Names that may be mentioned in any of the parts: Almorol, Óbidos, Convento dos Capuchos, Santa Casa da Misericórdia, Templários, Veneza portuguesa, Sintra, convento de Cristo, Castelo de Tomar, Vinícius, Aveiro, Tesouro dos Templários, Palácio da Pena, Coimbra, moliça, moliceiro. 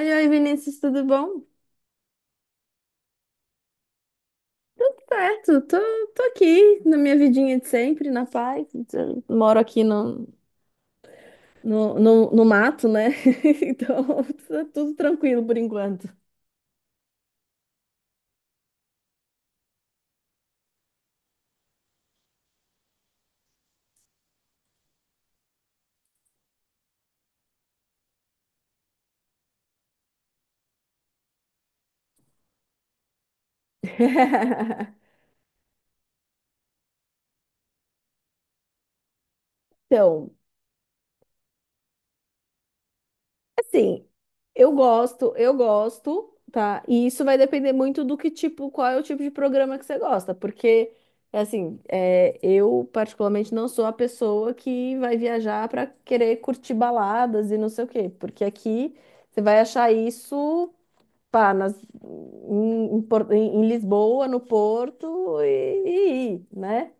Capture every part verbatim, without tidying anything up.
Oi, oi, Vinícius, tudo bom? Certo, tô, tô aqui na minha vidinha de sempre, na paz. Eu Moro aqui no, no, no, no mato, né? Então, tá tudo tranquilo por enquanto. Então, Assim, eu gosto, eu gosto, tá? E isso vai depender muito do que tipo, qual é o tipo de programa que você gosta, porque assim, é, eu particularmente não sou a pessoa que vai viajar para querer curtir baladas e não sei o quê, porque aqui você vai achar isso, pá, nas, em, em Por- em- em Lisboa, no Porto e, e, e, né?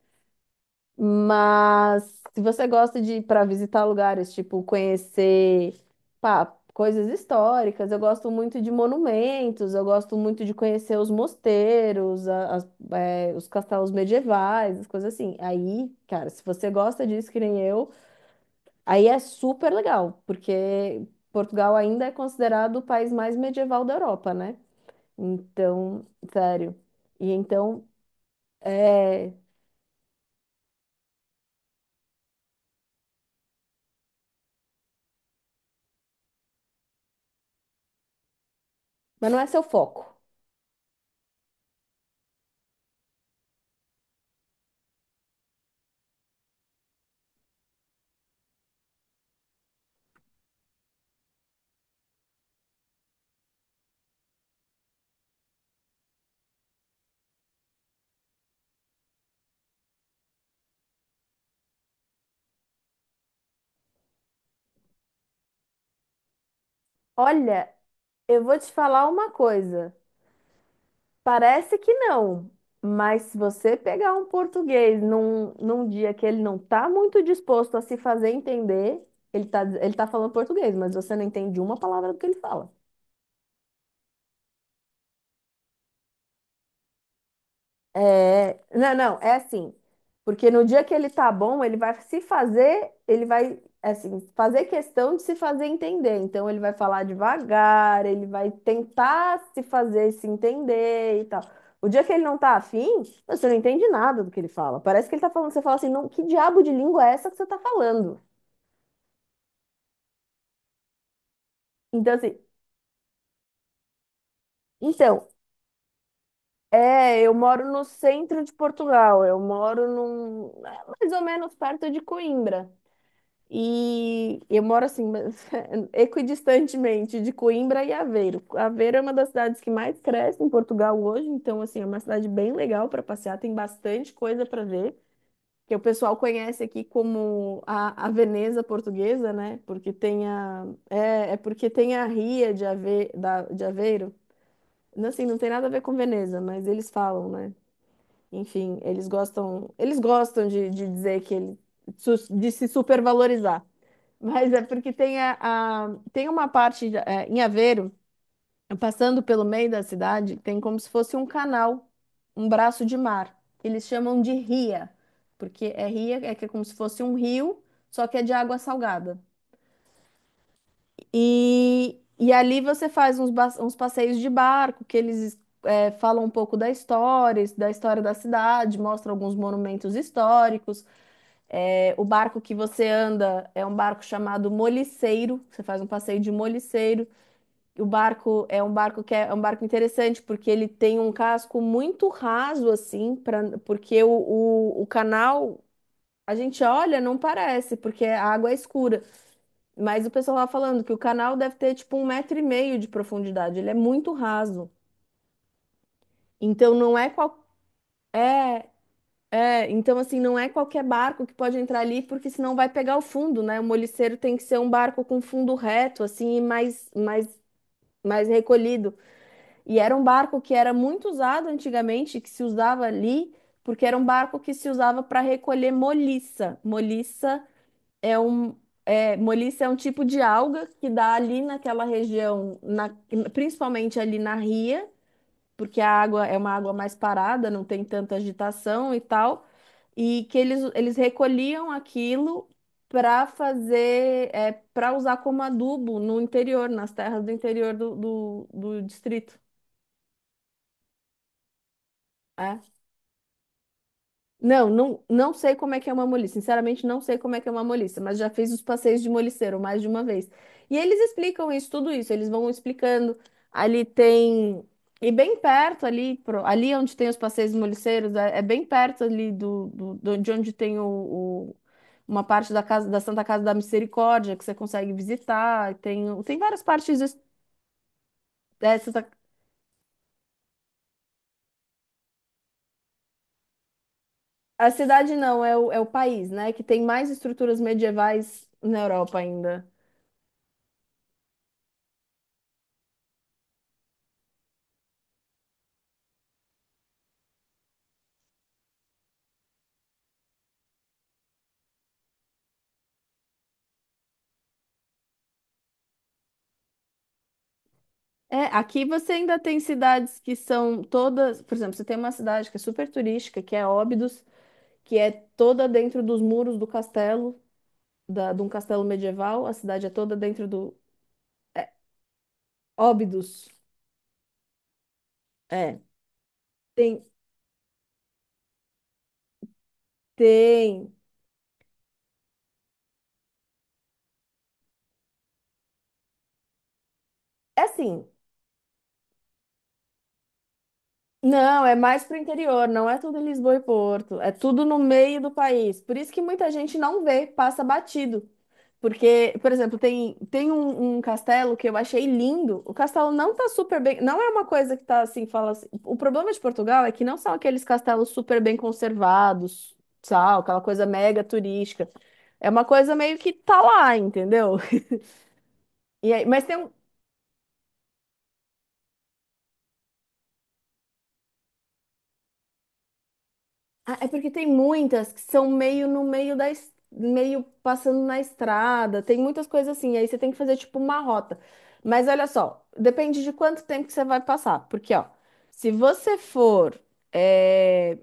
Mas se você gosta de ir para visitar lugares, tipo conhecer pá, coisas históricas, eu gosto muito de monumentos, eu gosto muito de conhecer os mosteiros, a- as- é, os castelos medievais, as coisas assim. Aí, cara, se você gosta disso, que nem eu, aí é super legal, porque Portugal ainda é considerado o país mais medieval da Europa, né? Então, sério. E então, é... mas não é seu foco. Olha. Eu vou te falar uma coisa. Parece que não, mas se você pegar um português num, num dia que ele não está muito disposto a se fazer entender, ele está ele tá falando português, mas você não entende uma palavra do que ele fala. É, não, não, é assim. Porque no dia que ele tá bom, ele vai se fazer, ele vai, assim, fazer questão de se fazer entender. Então, ele vai falar devagar, ele vai tentar se fazer se entender e tal. O dia que ele não tá afim, você não entende nada do que ele fala. Parece que ele tá falando, você fala assim, não, que diabo de língua é essa que você tá falando? Então, assim, então, é, eu moro no centro de Portugal, eu moro num, é, mais ou menos perto de Coimbra. E eu moro assim, mas equidistantemente de Coimbra e Aveiro. Aveiro é uma das cidades que mais cresce em Portugal hoje, então assim, é uma cidade bem legal para passear, tem bastante coisa para ver, que o pessoal conhece aqui como a, a Veneza portuguesa, né? Porque tem a é, é porque tem a Ria de, Ave, da, de Aveiro. Não, Assim, não tem nada a ver com Veneza, mas eles falam, né? Enfim, eles gostam, eles gostam de, de dizer que ele de se supervalorizar. Mas é porque tem, a, a- tem uma parte é, em Aveiro, passando pelo meio da cidade, tem como se fosse um canal, um braço de mar. Eles chamam de ria, porque é ria, é que é como se fosse um rio, só que é de água salgada. E, e ali você faz uns, ba- uns passeios de barco, que eles é, falam um pouco da história, da história da cidade, mostram alguns monumentos históricos. É, o barco que você anda é um barco chamado moliceiro, você faz um passeio de moliceiro. O barco é um barco que é, é um barco interessante porque ele tem um casco muito raso assim, pra, porque o, o, o canal a gente olha não parece porque a água é escura, mas o pessoal lá falando que o canal deve ter tipo um metro e meio de profundidade, ele é muito raso. Então não é qual É, então assim, não é qualquer barco que pode entrar ali, porque senão vai pegar o fundo, né? O moliceiro tem que ser um barco com fundo reto, assim, e mais, mais, mais recolhido. E era um barco que era muito usado antigamente, que se usava ali, porque era um barco que se usava para recolher moliça. Moliça é um, é, moliça é um tipo de alga que dá ali naquela região, na- principalmente ali na ria porque a água é uma água mais parada, não tem tanta agitação e tal, e que eles, eles recolhiam aquilo para fazer, para usar como adubo no interior, nas terras do interior do, do, do distrito. É. Não, não, não sei como é que é uma moliça. Sinceramente, não sei como é que é uma moliça, mas já fiz os passeios de moliceiro mais de uma vez. E eles explicam isso, tudo isso, eles vão explicando. Ali tem. E bem perto ali, pro- ali onde tem os passeios de moliceiros, é, é bem perto ali do, do- do- de onde tem o, o- uma parte da casa da Santa Casa da Misericórdia que você consegue visitar. Tem, o- tem várias partes des- dessa. A cidade não, é o, é o país, né? Que tem mais estruturas medievais na Europa ainda. É, aqui você ainda tem cidades que são todas, por exemplo, você tem uma cidade que é super turística, que é Óbidos, que é toda dentro dos muros do castelo, da, de um castelo medieval, a cidade é toda dentro do é, Óbidos. É, tem, tem. É assim, não, é mais pro interior, não é tudo em Lisboa e Porto, é tudo no meio do país. Por isso que muita gente não vê, passa batido. Porque, por exemplo, tem, tem um, um castelo que eu achei lindo. O castelo não tá super bem. Não é uma coisa que tá assim, fala assim. O problema de Portugal é que não são aqueles castelos super bem conservados, sabe? Aquela coisa mega turística. É uma coisa meio que tá lá, entendeu? E aí, mas tem um, Ah, é porque tem muitas que são meio no meio da es- meio passando na estrada, tem muitas coisas assim, aí você tem que fazer tipo uma rota. Mas olha só, depende de quanto tempo que você vai passar, porque ó, se você for, eh,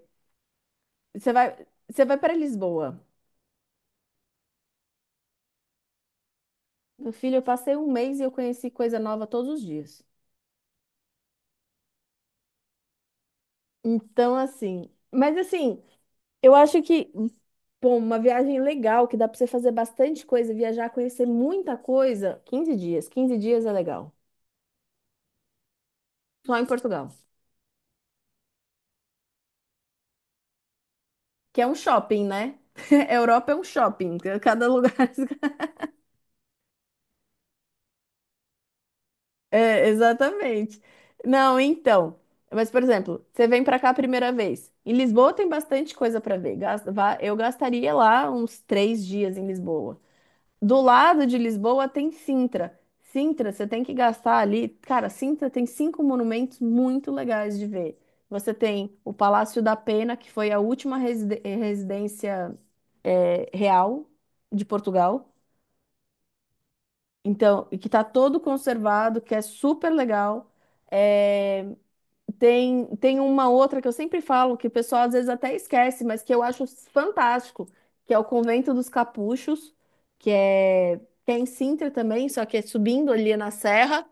você vai, você vai para Lisboa. Meu filho, eu passei um mês e eu conheci coisa nova todos os dias. Então assim, mas assim, eu acho que Bom, uma viagem legal, que dá para você fazer bastante coisa, viajar, conhecer muita coisa, Quinze dias. quinze dias é legal. Só em Portugal. Que é um shopping, né? Europa é um shopping. Cada lugar. É, exatamente. Não, então. Mas, por exemplo, você vem para cá a primeira vez. Em Lisboa tem bastante coisa para ver. Gas- vá- Eu gastaria lá uns três dias em Lisboa. Do lado de Lisboa tem Sintra. Sintra, você tem que gastar ali. Cara, Sintra tem cinco monumentos muito legais de ver. Você tem o Palácio da Pena, que foi a última reside- eh, residência é, real de Portugal. Então, e que tá todo conservado, que é super legal. É, tem, tem uma outra que eu sempre falo, que o pessoal às vezes até esquece, mas que eu acho fantástico, que é o Convento dos Capuchos, que é, que é em Sintra também, só que é subindo ali na serra.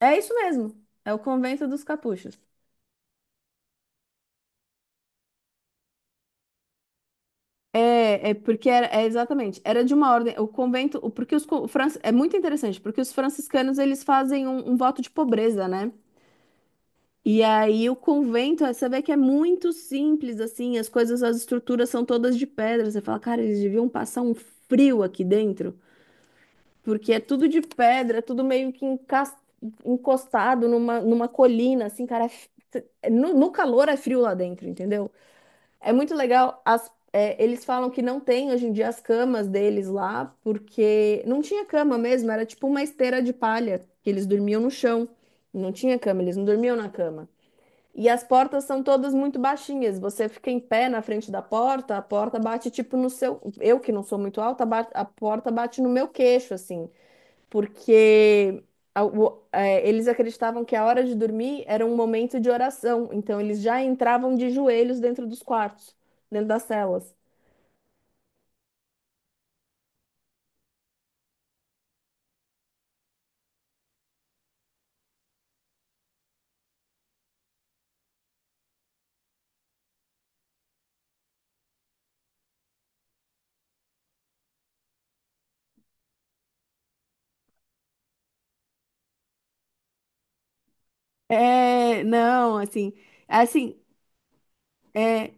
É isso mesmo, é o Convento dos Capuchos. É, é porque era, é exatamente, era de uma ordem, o convento, o- porque os, co- fran- é muito interessante, porque os franciscanos, eles fazem um, um voto de pobreza, né? E aí o convento, é, você vê que é muito simples, assim, as coisas, as estruturas são todas de pedra, você fala, cara, eles deviam passar um frio aqui dentro, porque é tudo de pedra, é tudo meio que encas- encostado numa, numa colina, assim, cara, é f- no no calor é frio lá dentro, entendeu? É muito legal. as- é, eles falam que não tem hoje em dia as camas deles lá, porque não tinha cama mesmo, era tipo uma esteira de palha, que eles dormiam no chão. Não tinha cama, eles não dormiam na cama. E as portas são todas muito baixinhas. Você fica em pé na frente da porta, a porta bate tipo no seu. Eu que não sou muito alta, ba- a porta bate no meu queixo, assim porque a- o- é, eles acreditavam que a hora de dormir era um momento de oração, então eles já entravam de joelhos dentro dos quartos, dentro das celas. É, não, assim, é assim, é,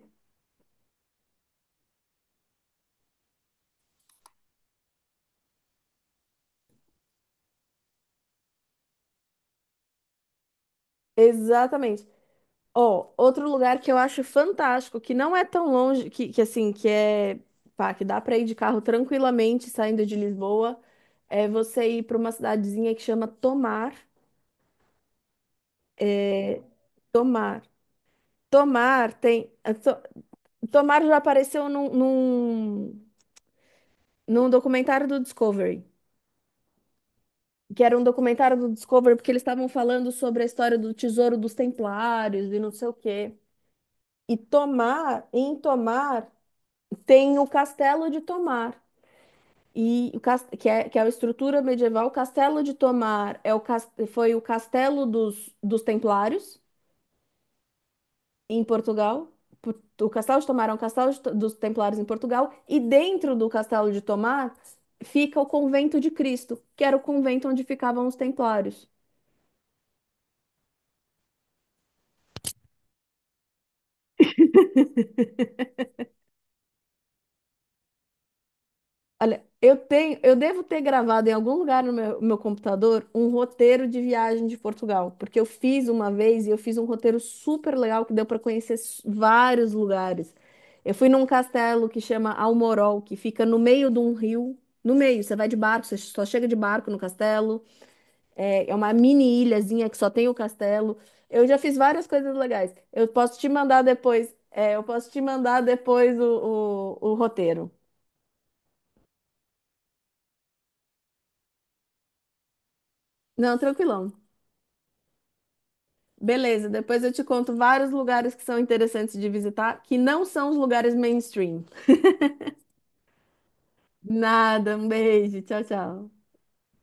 Exatamente. Ó, outro lugar que eu acho fantástico, que não é tão longe, que, que assim, que é, pá, que dá pra ir de carro tranquilamente saindo de Lisboa, é você ir pra uma cidadezinha que chama Tomar. Tomar. Tomar tem. Tomar já apareceu num, num, num documentário do Discovery, que era um documentário do Discovery porque eles estavam falando sobre a história do Tesouro dos Templários e não sei o quê. E Tomar, em Tomar, tem o Castelo de Tomar. E o cas- que é, que é a estrutura medieval, o Castelo de Tomar é o cas- foi o castelo dos, dos Templários, em Portugal. Po- O castelo de Tomar é um castelo de- dos Templários em Portugal, e dentro do castelo de Tomar fica o convento de Cristo, que era o convento onde ficavam os Templários. Olha, eu tenho, eu devo ter gravado em algum lugar no meu, meu computador um roteiro de viagem de Portugal, porque eu fiz uma vez e eu fiz um roteiro super legal que deu para conhecer s- vários lugares. Eu fui num castelo que chama Almorol, que fica no meio de um rio. No meio, você vai de barco, você só chega de barco no castelo. É é uma mini ilhazinha que só tem o castelo. Eu já fiz várias coisas legais. Eu posso te mandar depois. é, eu posso te mandar depois o, o, o roteiro. Não, tranquilão. Beleza, depois eu te conto vários lugares que são interessantes de visitar, que não são os lugares mainstream. Nada, um beijo. Tchau, tchau.